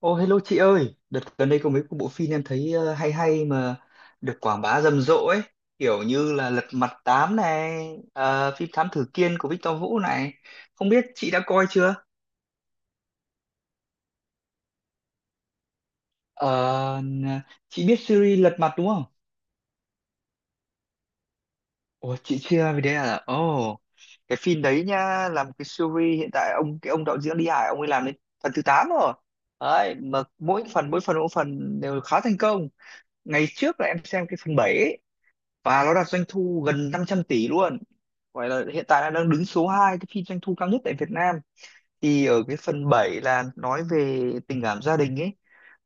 Ô hello chị ơi, đợt gần đây có mấy cái bộ phim em thấy hay hay mà được quảng bá rầm rộ ấy, kiểu như là Lật Mặt Tám này, phim Thám Tử Kiên của Victor Vũ này. Không biết chị đã coi chưa? Ờ, n- chị biết series Lật Mặt đúng không? Ủa chị chưa về đấy à? Ồ, cái phim đấy nha, một cái series hiện tại ông ông đạo diễn Lý Hải ông ấy làm đến phần thứ 8 rồi. Đấy, mà mỗi phần đều khá thành công. Ngày trước là em xem cái phần 7 và nó đạt doanh thu gần 500 tỷ luôn, gọi là hiện tại là đang đứng số 2 cái phim doanh thu cao nhất tại Việt Nam. Thì ở cái phần 7 là nói về tình cảm gia đình ấy,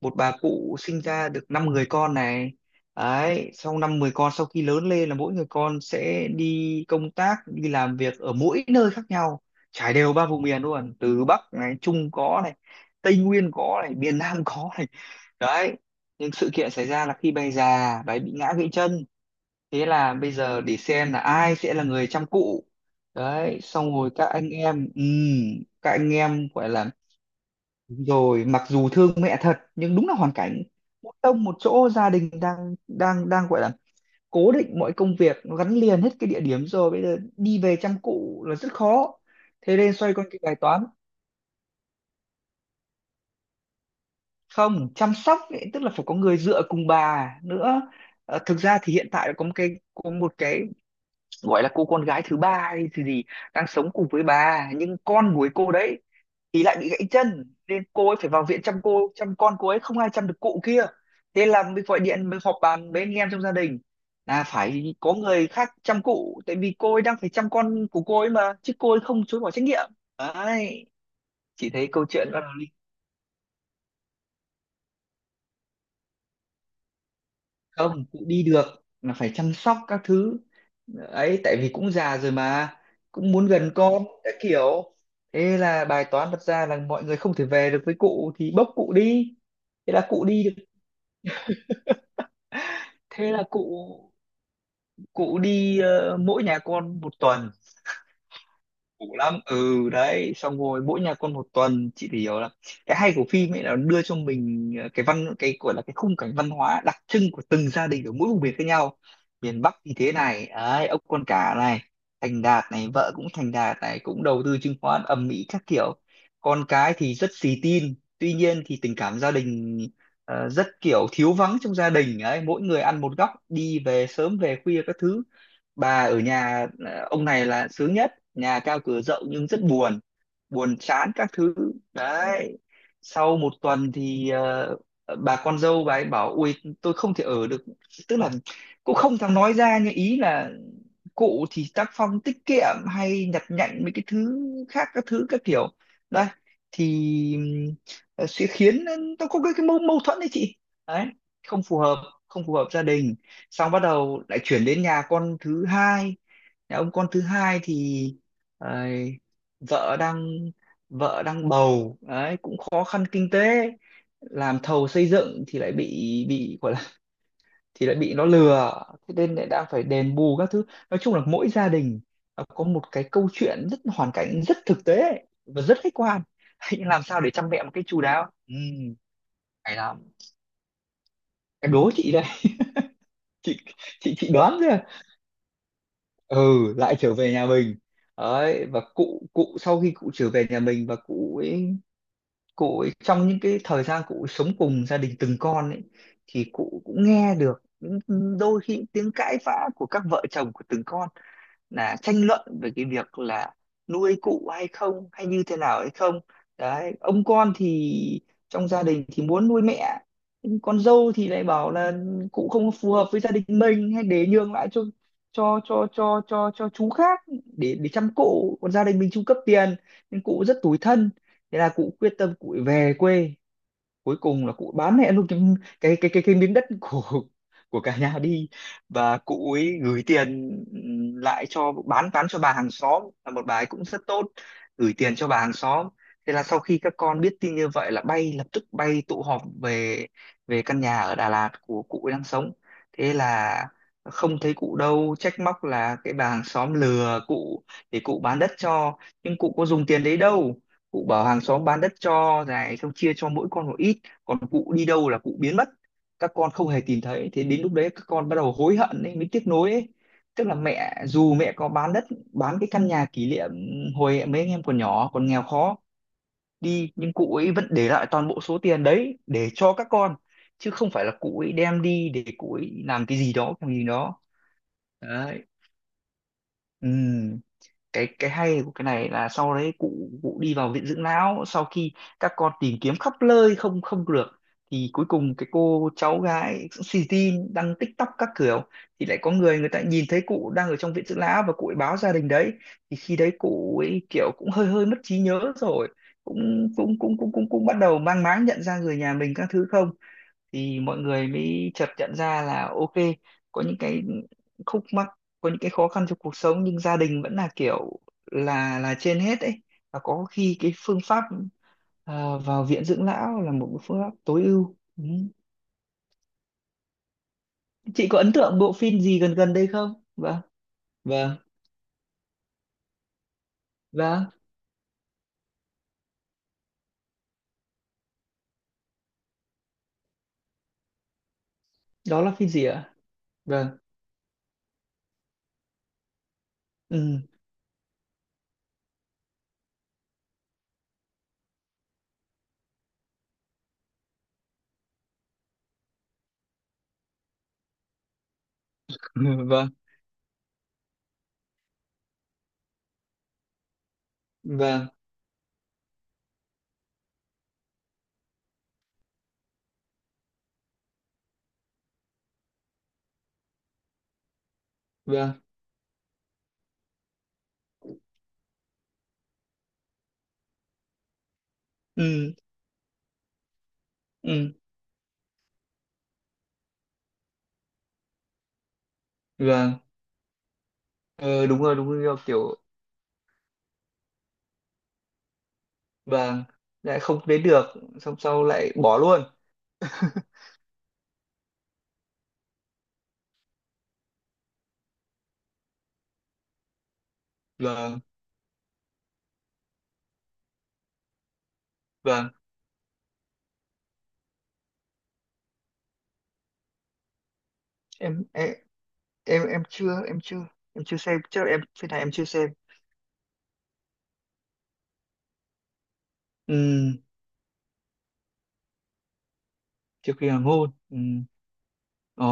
một bà cụ sinh ra được 5 người con này, đấy sau năm 10 con sau khi lớn lên là mỗi người con sẽ đi công tác đi làm việc ở mỗi nơi khác nhau, trải đều ba vùng miền luôn, từ Bắc này, Trung có này, Tây Nguyên có này, miền Nam có này, đấy. Nhưng sự kiện xảy ra là khi bà già bà ấy bị ngã gãy chân, thế là bây giờ để xem là ai sẽ là người chăm cụ. Đấy, xong rồi các anh em gọi là đúng rồi, mặc dù thương mẹ thật nhưng đúng là hoàn cảnh, một tông một chỗ gia đình đang đang đang gọi là cố định mọi công việc, nó gắn liền hết cái địa điểm rồi, bây giờ đi về chăm cụ là rất khó, thế nên xoay quanh cái bài toán, không chăm sóc ấy, tức là phải có người dựa cùng bà nữa. Thực ra thì hiện tại có một cái gọi là cô con gái thứ ba hay gì gì đang sống cùng với bà, nhưng con của ấy cô đấy thì lại bị gãy chân, nên cô ấy phải vào viện chăm con cô ấy, không ai chăm được cụ kia. Thế là mới gọi điện mới họp bàn với anh em trong gia đình là phải có người khác chăm cụ, tại vì cô ấy đang phải chăm con của cô ấy mà chứ cô ấy không chối bỏ trách nhiệm, đấy. Chỉ thấy câu chuyện không, cũng đi được là phải chăm sóc các thứ ấy, tại vì cũng già rồi mà, cũng muốn gần con các kiểu. Thế là bài toán đặt ra là mọi người không thể về được với cụ thì bốc cụ đi, thế là cụ đi được. Thế là cụ cụ đi mỗi nhà con một tuần, cũ lắm đấy. Xong rồi mỗi nhà con một tuần, chị thì hiểu là cái hay của phim ấy là nó đưa cho mình cái gọi là cái khung cảnh văn hóa đặc trưng của từng gia đình ở mỗi vùng miền khác nhau. Miền Bắc thì thế này đấy, ốc con cả này, thành đạt này, vợ cũng thành đạt này, cũng đầu tư chứng khoán ầm ĩ các kiểu, con cái thì rất xì tin, tuy nhiên thì tình cảm gia đình rất kiểu thiếu vắng trong gia đình đấy, mỗi người ăn một góc đi về sớm về khuya các thứ, bà ở nhà. Ờ, ông này là sướng nhất nhà cao cửa rộng nhưng rất buồn, buồn chán các thứ, đấy. Sau một tuần thì bà con dâu bà ấy bảo ui tôi không thể ở được, tức là cũng không thèm nói ra nhưng ý là cụ thì tác phong tiết kiệm hay nhặt nhạnh mấy cái thứ khác các thứ các kiểu, đây thì sẽ khiến nó có cái mâu thuẫn đấy chị, đấy, không phù hợp, không phù hợp gia đình. Xong bắt đầu lại chuyển đến nhà con thứ hai, nhà ông con thứ hai thì ờ, vợ đang vợ đang bầu đấy, cũng khó khăn kinh tế, làm thầu xây dựng thì lại bị gọi là, thì lại bị nó lừa, thế nên lại đang phải đền bù các thứ. Nói chung là mỗi gia đình nó có một cái câu chuyện rất hoàn cảnh, rất thực tế và rất khách quan nhưng làm sao để chăm mẹ một cách chu đáo hay lắm. Em đố chị đây, chị chị đoán chứ. Ừ, lại trở về nhà mình, đấy. Và cụ cụ sau khi cụ trở về nhà mình và cụ ấy trong những cái thời gian cụ sống cùng gia đình từng con ấy, thì cụ cũng nghe được những đôi khi tiếng cãi vã của các vợ chồng của từng con, là tranh luận về cái việc là nuôi cụ hay không hay như thế nào hay không, đấy. Ông con thì trong gia đình thì muốn nuôi mẹ, nhưng con dâu thì lại bảo là cụ không phù hợp với gia đình mình, hay để nhường lại cho chú khác để chăm cụ, còn gia đình mình chu cấp tiền, nên cụ rất tủi thân. Thế là cụ quyết tâm cụ về quê, cuối cùng là cụ bán mẹ luôn cái miếng đất của cả nhà đi, và cụ ấy gửi tiền lại cho, bán cho bà hàng xóm là một bà ấy cũng rất tốt, gửi tiền cho bà hàng xóm. Thế là sau khi các con biết tin như vậy là bay lập tức bay tụ họp về về căn nhà ở Đà Lạt của cụ ấy đang sống. Thế là không thấy cụ đâu, trách móc là cái bà hàng xóm lừa cụ để cụ bán đất cho, nhưng cụ có dùng tiền đấy đâu, cụ bảo hàng xóm bán đất cho này, xong chia cho mỗi con một ít, còn cụ đi đâu là cụ biến mất, các con không hề tìm thấy. Thế đến lúc đấy các con bắt đầu hối hận ấy, mới tiếc nuối ấy, tức là mẹ dù mẹ có bán đất bán cái căn nhà kỷ niệm hồi mấy anh em còn nhỏ còn nghèo khó đi, nhưng cụ ấy vẫn để lại toàn bộ số tiền đấy để cho các con, chứ không phải là cụ ấy đem đi để cụ ấy làm cái gì đó cái gì đó, đấy. Ừ, cái hay của cái này là sau đấy cụ cụ đi vào viện dưỡng lão. Sau khi các con tìm kiếm khắp nơi không không được, thì cuối cùng cái cô cháu gái xì tin đăng TikTok các kiểu, thì lại có người người ta nhìn thấy cụ đang ở trong viện dưỡng lão và cụ ấy báo gia đình đấy, thì khi đấy cụ ấy kiểu cũng hơi hơi mất trí nhớ rồi, cũng cũng cũng cũng cũng cũng bắt đầu mang máng nhận ra người nhà mình các thứ không. Thì mọi người mới chợt nhận ra là ok, có những cái khúc mắc, có những cái khó khăn trong cuộc sống nhưng gia đình vẫn là kiểu là trên hết ấy, và có khi cái phương pháp vào viện dưỡng lão là một cái phương pháp tối ưu Chị có ấn tượng bộ phim gì gần gần đây không, vâng vâng vâng? Đó là phim gì ạ, vâng? Ừ. Vâng vâng vâng. Ừ. Ừ. Vâng. Ờ, đúng rồi kiểu, vâng, lại không đến được, xong sau lại bỏ luôn, vâng vâng. Em em em em chưa em chưa xem, chắc là em phiên này em chưa xem. Ừ, trước khi hoàng hôn, ừ. Ồ,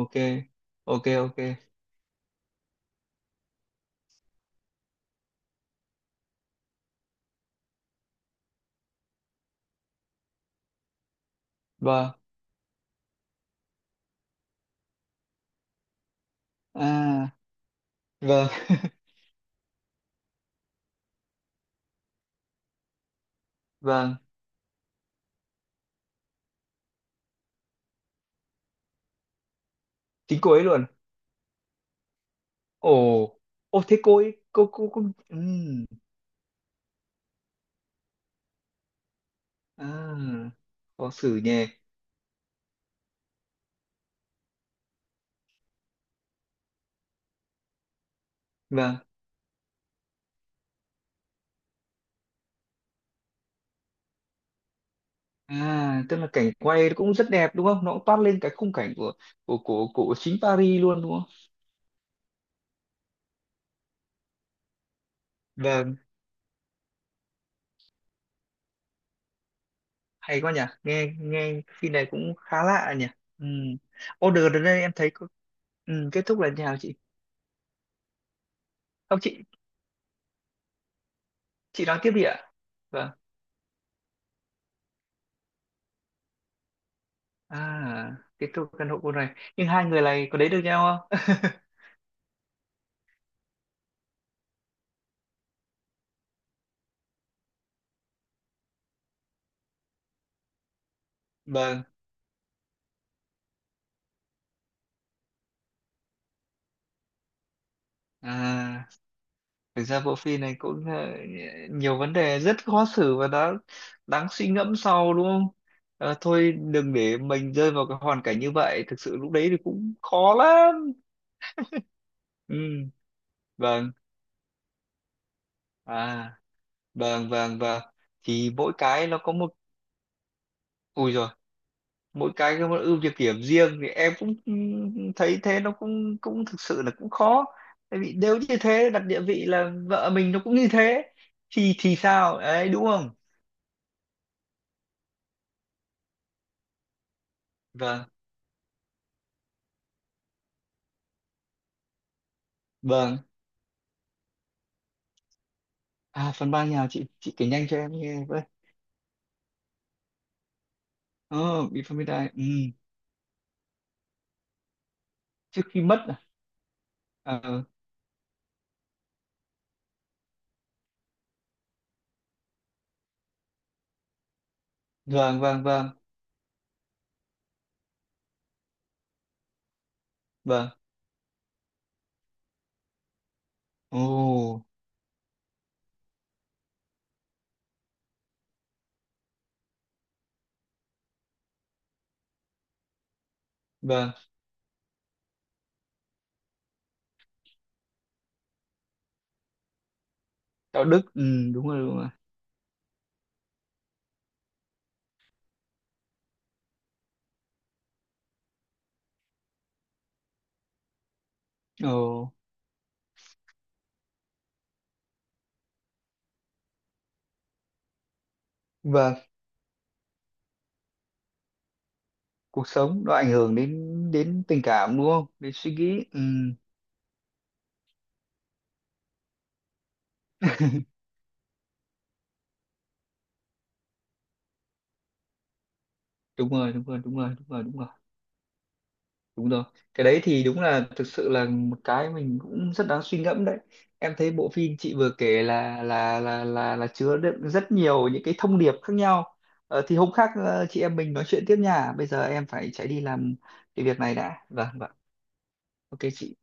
ok ok ok, vâng, à, vâng vâng chính cô ấy luôn, ồ, ô thế cô ấy, cô ừ. À, khó xử nhỉ, vâng. À tức là cảnh quay nó cũng rất đẹp đúng không, nó cũng toát lên cái khung cảnh của chính Paris luôn đúng không, vâng. Hay quá nhỉ, nghe nghe phim này cũng khá lạ nhỉ. Ừ. Order đến đây em thấy có. Ừ, kết thúc là như nào chị? Không chị, chị nói tiếp đi ạ. Vâng. À kết thúc căn hộ cô này nhưng hai người này có đến được nhau không? Vâng. À thực ra bộ phim này cũng nhiều vấn đề rất khó xử và đã đáng suy ngẫm sau đúng không? Thôi đừng để mình rơi vào cái hoàn cảnh như vậy, thực sự lúc đấy thì cũng khó lắm. Ừ, vâng, à vâng vâng vâng, thì mỗi cái nó có một ui rồi, mỗi cái có một ưu nhược điểm riêng, thì em cũng thấy thế, nó cũng cũng thực sự là cũng khó, tại vì nếu như thế đặt địa vị là vợ mình nó cũng như thế thì sao đấy đúng không, vâng vâng. À phần 3 nhà chị kể nhanh cho em nghe với. Ờ bifamida, ừ, trước khi mất à? Ờ, vâng vâng vâng vâng. Ồ, vâng. Đạo đức, ừ. Đúng rồi đúng rồi. Ồ, vâng. Cuộc sống nó ảnh hưởng đến đến tình cảm đúng không, đến suy nghĩ, ừ. Đúng rồi đúng rồi đúng rồi đúng rồi đúng rồi đúng rồi. Cái đấy thì đúng là thực sự là một cái mình cũng rất đáng suy ngẫm đấy, em thấy bộ phim chị vừa kể là là chứa đựng rất nhiều những cái thông điệp khác nhau. Thì hôm khác chị em mình nói chuyện tiếp nha, bây giờ em phải chạy đi làm cái việc này đã, vâng vâng, ok chị.